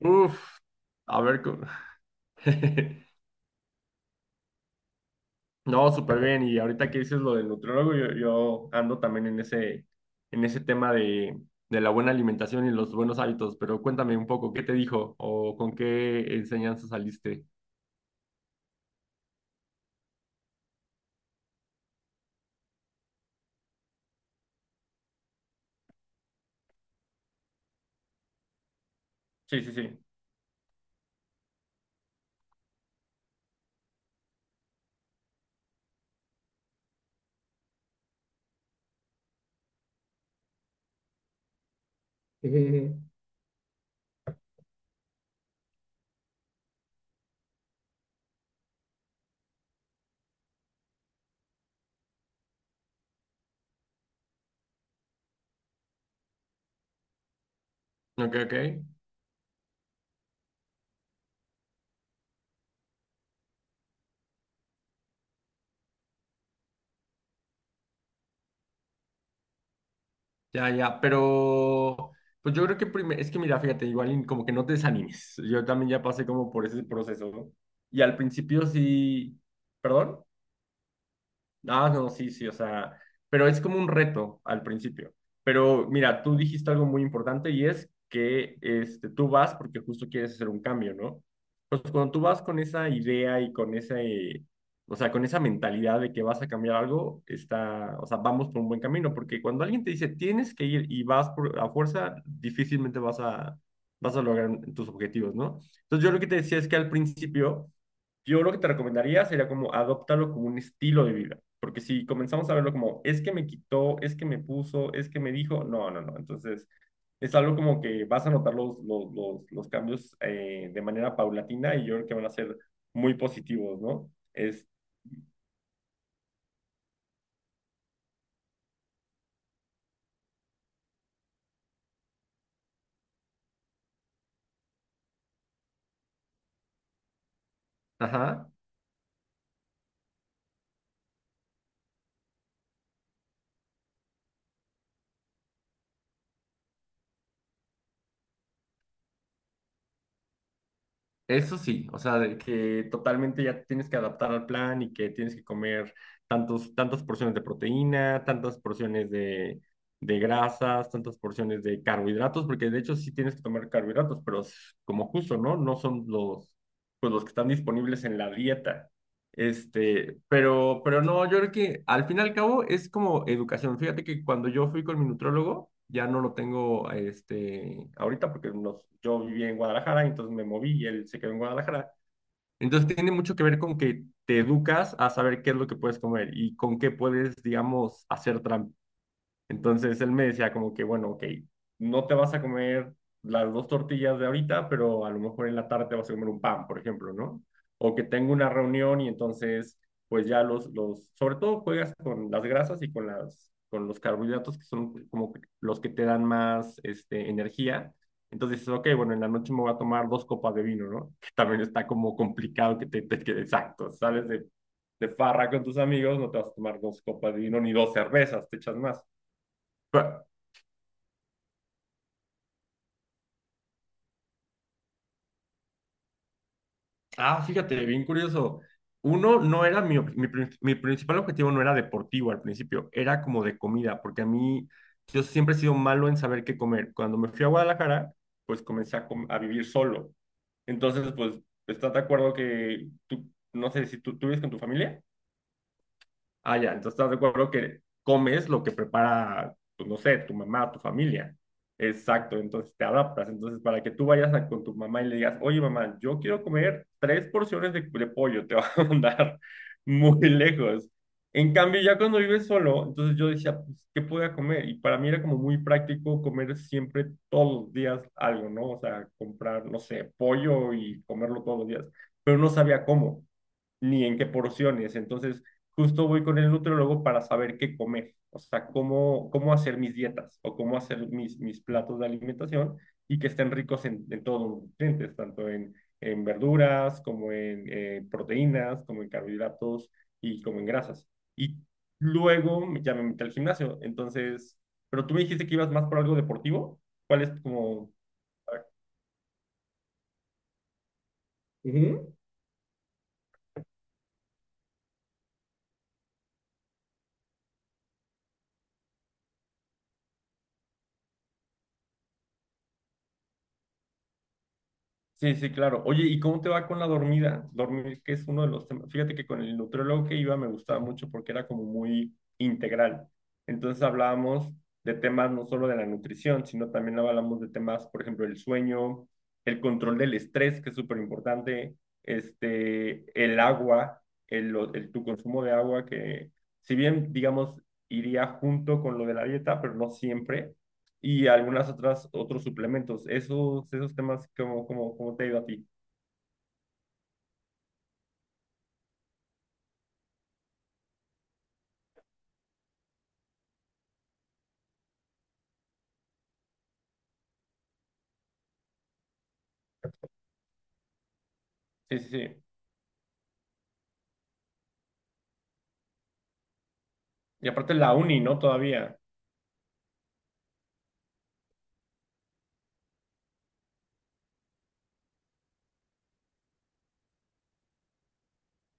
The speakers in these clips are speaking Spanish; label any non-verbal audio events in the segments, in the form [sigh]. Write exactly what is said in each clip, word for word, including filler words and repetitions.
Uf, a ver, cómo- [laughs] no, súper bien. Y ahorita que dices lo del nutriólogo, yo, yo ando también en ese, en ese tema de, de la buena alimentación y los buenos hábitos, pero cuéntame un poco, ¿qué te dijo o con qué enseñanza saliste? Sí, sí, sí. [laughs] Ujú. Ok, ok. Ya, ya, pero pues yo creo que primero, es que mira, fíjate, igual y como que no te desanimes. Yo también ya pasé como por ese proceso, ¿no? Y al principio sí, ¿perdón? Ah, no, sí, sí, o sea, pero es como un reto al principio. Pero mira, tú dijiste algo muy importante y es que este, tú vas porque justo quieres hacer un cambio, ¿no? Pues cuando tú vas con esa idea y con ese, o sea, con esa mentalidad de que vas a cambiar algo, está, o sea, vamos por un buen camino, porque cuando alguien te dice tienes que ir y vas por a fuerza, difícilmente vas a, vas a lograr tus objetivos, ¿no? Entonces yo lo que te decía es que al principio... Yo lo que te recomendaría sería como adoptarlo como un estilo de vida. Porque si comenzamos a verlo como, es que me quitó, es que me puso, es que me dijo, no, no, no. Entonces, es algo como que vas a notar los, los, los, los cambios eh, de manera paulatina y yo creo que van a ser muy positivos, ¿no? Es, ajá. Eso sí, o sea, de que totalmente ya tienes que adaptar al plan y que tienes que comer tantos, tantas porciones de proteína, tantas porciones de, de grasas, tantas porciones de carbohidratos, porque de hecho sí tienes que tomar carbohidratos, pero es como justo, ¿no? No son los, pues los que están disponibles en la dieta. Este, pero, pero no, yo creo que al fin y al cabo es como educación. Fíjate que cuando yo fui con mi nutrólogo, ya no lo tengo, este, ahorita porque nos- yo viví en Guadalajara, entonces me moví y él se quedó en Guadalajara. Entonces tiene mucho que ver con que te educas a saber qué es lo que puedes comer y con qué puedes, digamos, hacer trampa. Entonces él me decía como que, bueno, ok, no te vas a comer las dos tortillas de ahorita, pero a lo mejor en la tarde te vas a comer un pan, por ejemplo, ¿no? O que tengo una reunión y entonces, pues ya los, los, sobre todo juegas con las grasas y con las, con los carbohidratos que son como que los que te dan más, este, energía. Entonces dices, ok, bueno, en la noche me voy a tomar dos copas de vino, ¿no? Que también está como complicado que te, te que- exacto, sales de, de farra con tus amigos, no te vas a tomar dos copas de vino ni dos cervezas, te echas más. Pa- Ah, fíjate, bien curioso. Uno no era mi, ob- mi, prin- mi principal objetivo no era deportivo al principio, era como de comida, porque a mí yo siempre he sido malo en saber qué comer. Cuando me fui a Guadalajara, pues comencé a, com- a vivir solo. Entonces, pues, ¿estás de acuerdo que tú, no sé si tú, tú vives con tu familia? Ah, ya, entonces estás de acuerdo que comes lo que prepara, pues no sé, tu mamá, tu familia. Exacto, entonces te adaptas. Entonces, para que tú vayas a- con tu mamá y le digas, oye mamá, yo quiero comer tres porciones de, de pollo, te va a [laughs] mandar muy lejos. En cambio, ya cuando vives solo, entonces yo decía, pues, ¿qué podía comer? Y para mí era como muy práctico comer siempre todos los días algo, ¿no? O sea, comprar, no sé, pollo y comerlo todos los días, pero no sabía cómo ni en qué porciones. Entonces, justo voy con el nutriólogo para saber qué comer, o sea, cómo, cómo hacer mis dietas o cómo hacer mis, mis platos de alimentación y que estén ricos en, en todos los nutrientes, tanto en, en verduras como en eh, proteínas, como en carbohidratos y como en grasas. Y luego ya me metí al gimnasio, entonces, pero tú me dijiste que ibas más por algo deportivo, ¿cuál es como... Ujú. Sí, sí, claro. Oye, ¿y cómo te va con la dormida? Dormir, que es uno de los temas. Fíjate que con el nutriólogo que iba me gustaba mucho porque era como muy integral. Entonces hablábamos de temas no solo de la nutrición, sino también hablábamos de temas, por ejemplo, el sueño, el control del estrés, que es súper importante, este, el agua, el, el- tu consumo de agua, que si bien, digamos, iría junto con lo de la dieta, pero no siempre y algunas otras, otros suplementos. Esos, esos temas, ¿cómo, cómo, cómo te ha ido a ti? Sí, sí, sí. Y aparte la uni, ¿no? Todavía.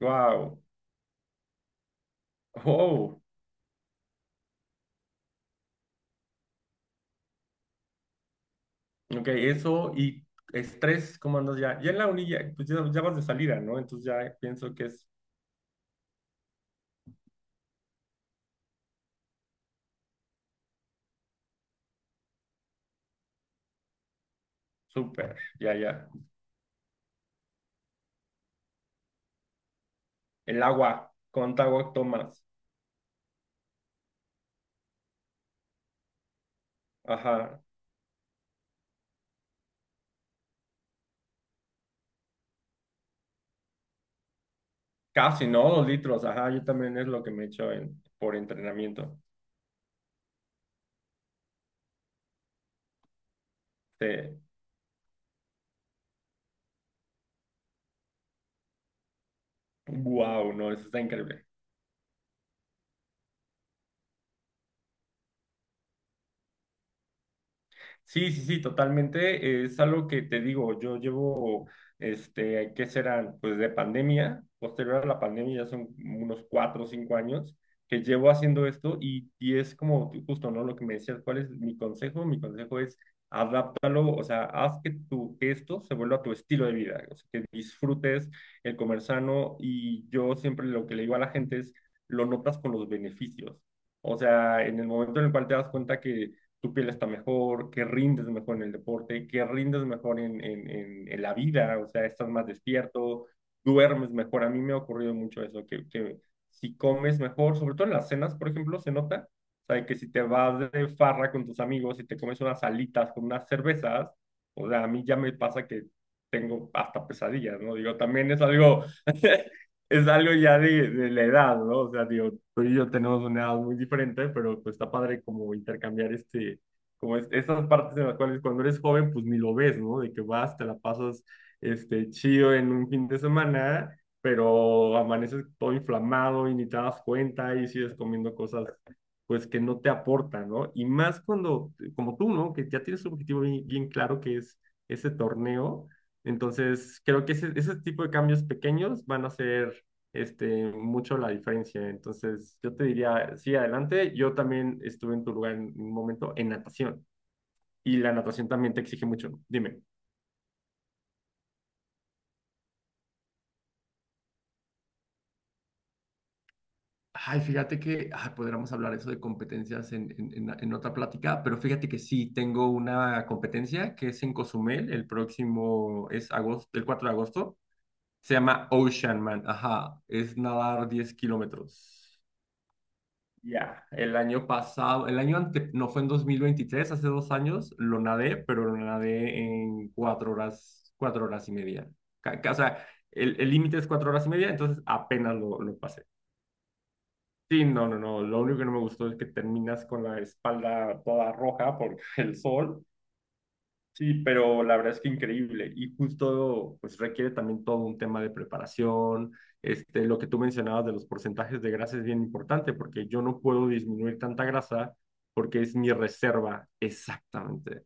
Wow. Oh. Ok, eso y estrés, ¿cómo andas ya? Ya en la uni ya, pues ya, ya vas de salida, ¿no? Entonces ya pienso que es súper, ya, ya. El agua, ¿cuánta agua tomas? Ajá. Casi, ¿no? Dos litros, ajá. Yo también es lo que me echo en, por entrenamiento. Este, wow, no, eso está increíble. Sí, sí, sí, totalmente. Es algo que te digo, yo llevo, este, ¿qué serán? Pues de pandemia, posterior a la pandemia, ya son unos cuatro o cinco años que llevo haciendo esto y, y es como tú justo, ¿no? Lo que me decías, ¿cuál es mi consejo? Mi consejo es adáptalo, o sea, haz que tu, que esto se vuelva tu estilo de vida, o sea, que disfrutes el comer sano y yo siempre lo que le digo a la gente es, lo notas con los beneficios. O sea, en el momento en el cual te das cuenta que tu piel está mejor, que rindes mejor en el deporte, que rindes mejor en, en, en, en la vida, o sea, estás más despierto, duermes mejor. A mí me ha ocurrido mucho eso, que, que si comes mejor, sobre todo en las cenas, por ejemplo, se nota, o sea, que si te vas de farra con tus amigos y te comes unas alitas con unas cervezas, o sea, a mí ya me pasa que tengo hasta pesadillas, ¿no? Digo, también es algo [laughs] es algo ya de, de la edad, ¿no? O sea, digo, tú y yo tenemos una edad muy diferente, pero pues está padre como intercambiar este, como es, esas partes en las cuales cuando eres joven, pues ni lo ves, ¿no? De que vas, te la pasas este, chido en un fin de semana, pero amaneces todo inflamado y ni te das cuenta y sigues comiendo cosas, pues que no te aportan, ¿no? Y más cuando, como tú, ¿no? Que ya tienes un objetivo bien, bien claro que es ese torneo entonces, creo que ese, ese tipo de cambios pequeños van a hacer este, mucho la diferencia. Entonces, yo te diría, sí, adelante. Yo también estuve en tu lugar en un momento en natación y la natación también te exige mucho. Dime. Ay, fíjate que ay, podríamos hablar eso de competencias en, en- en- en otra plática, pero fíjate que sí, tengo una competencia que es en Cozumel, el próximo es agosto, el cuatro de agosto, se llama Ocean Man, ajá, es nadar diez kilómetros. Ya, el año pasado, el año ante, no fue en dos mil veintitrés, hace dos años, lo nadé, pero lo nadé en cuatro horas, cuatro horas y media. Ca- ca- O sea, el el límite es cuatro horas y media, entonces apenas lo, lo pasé. Sí, no, no, no, lo único que no me gustó es que terminas con la espalda toda roja por [laughs] el sol. Sí, pero la verdad es que increíble y justo pues requiere también todo un tema de preparación, este, lo que tú mencionabas de los porcentajes de grasa es bien importante porque yo no puedo disminuir tanta grasa porque es mi reserva exactamente.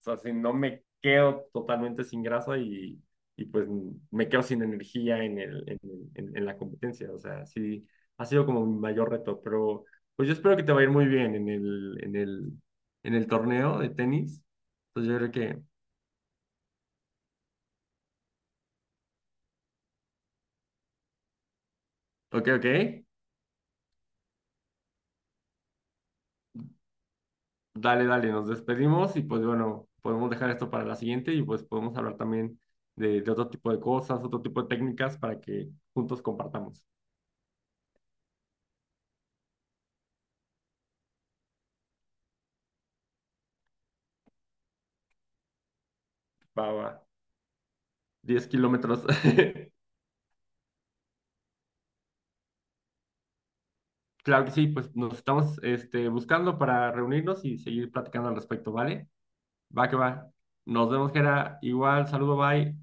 O sea, si no me quedo totalmente sin grasa y, y pues me quedo sin energía en el, en, en, en la competencia, o sea, sí, ha sido como mi mayor reto, pero pues yo espero que te va a ir muy bien en el, en el, en el torneo de tenis. Entonces yo creo que Ok, ok. Dale, dale, nos despedimos y pues bueno, podemos dejar esto para la siguiente y pues podemos hablar también de, de otro tipo de cosas, otro tipo de técnicas para que juntos compartamos. Va, va. diez kilómetros. [laughs] Claro que sí, pues nos estamos este, buscando para reunirnos y seguir platicando al respecto, ¿vale? Va que va. Nos vemos, Gera. Igual, saludo, bye.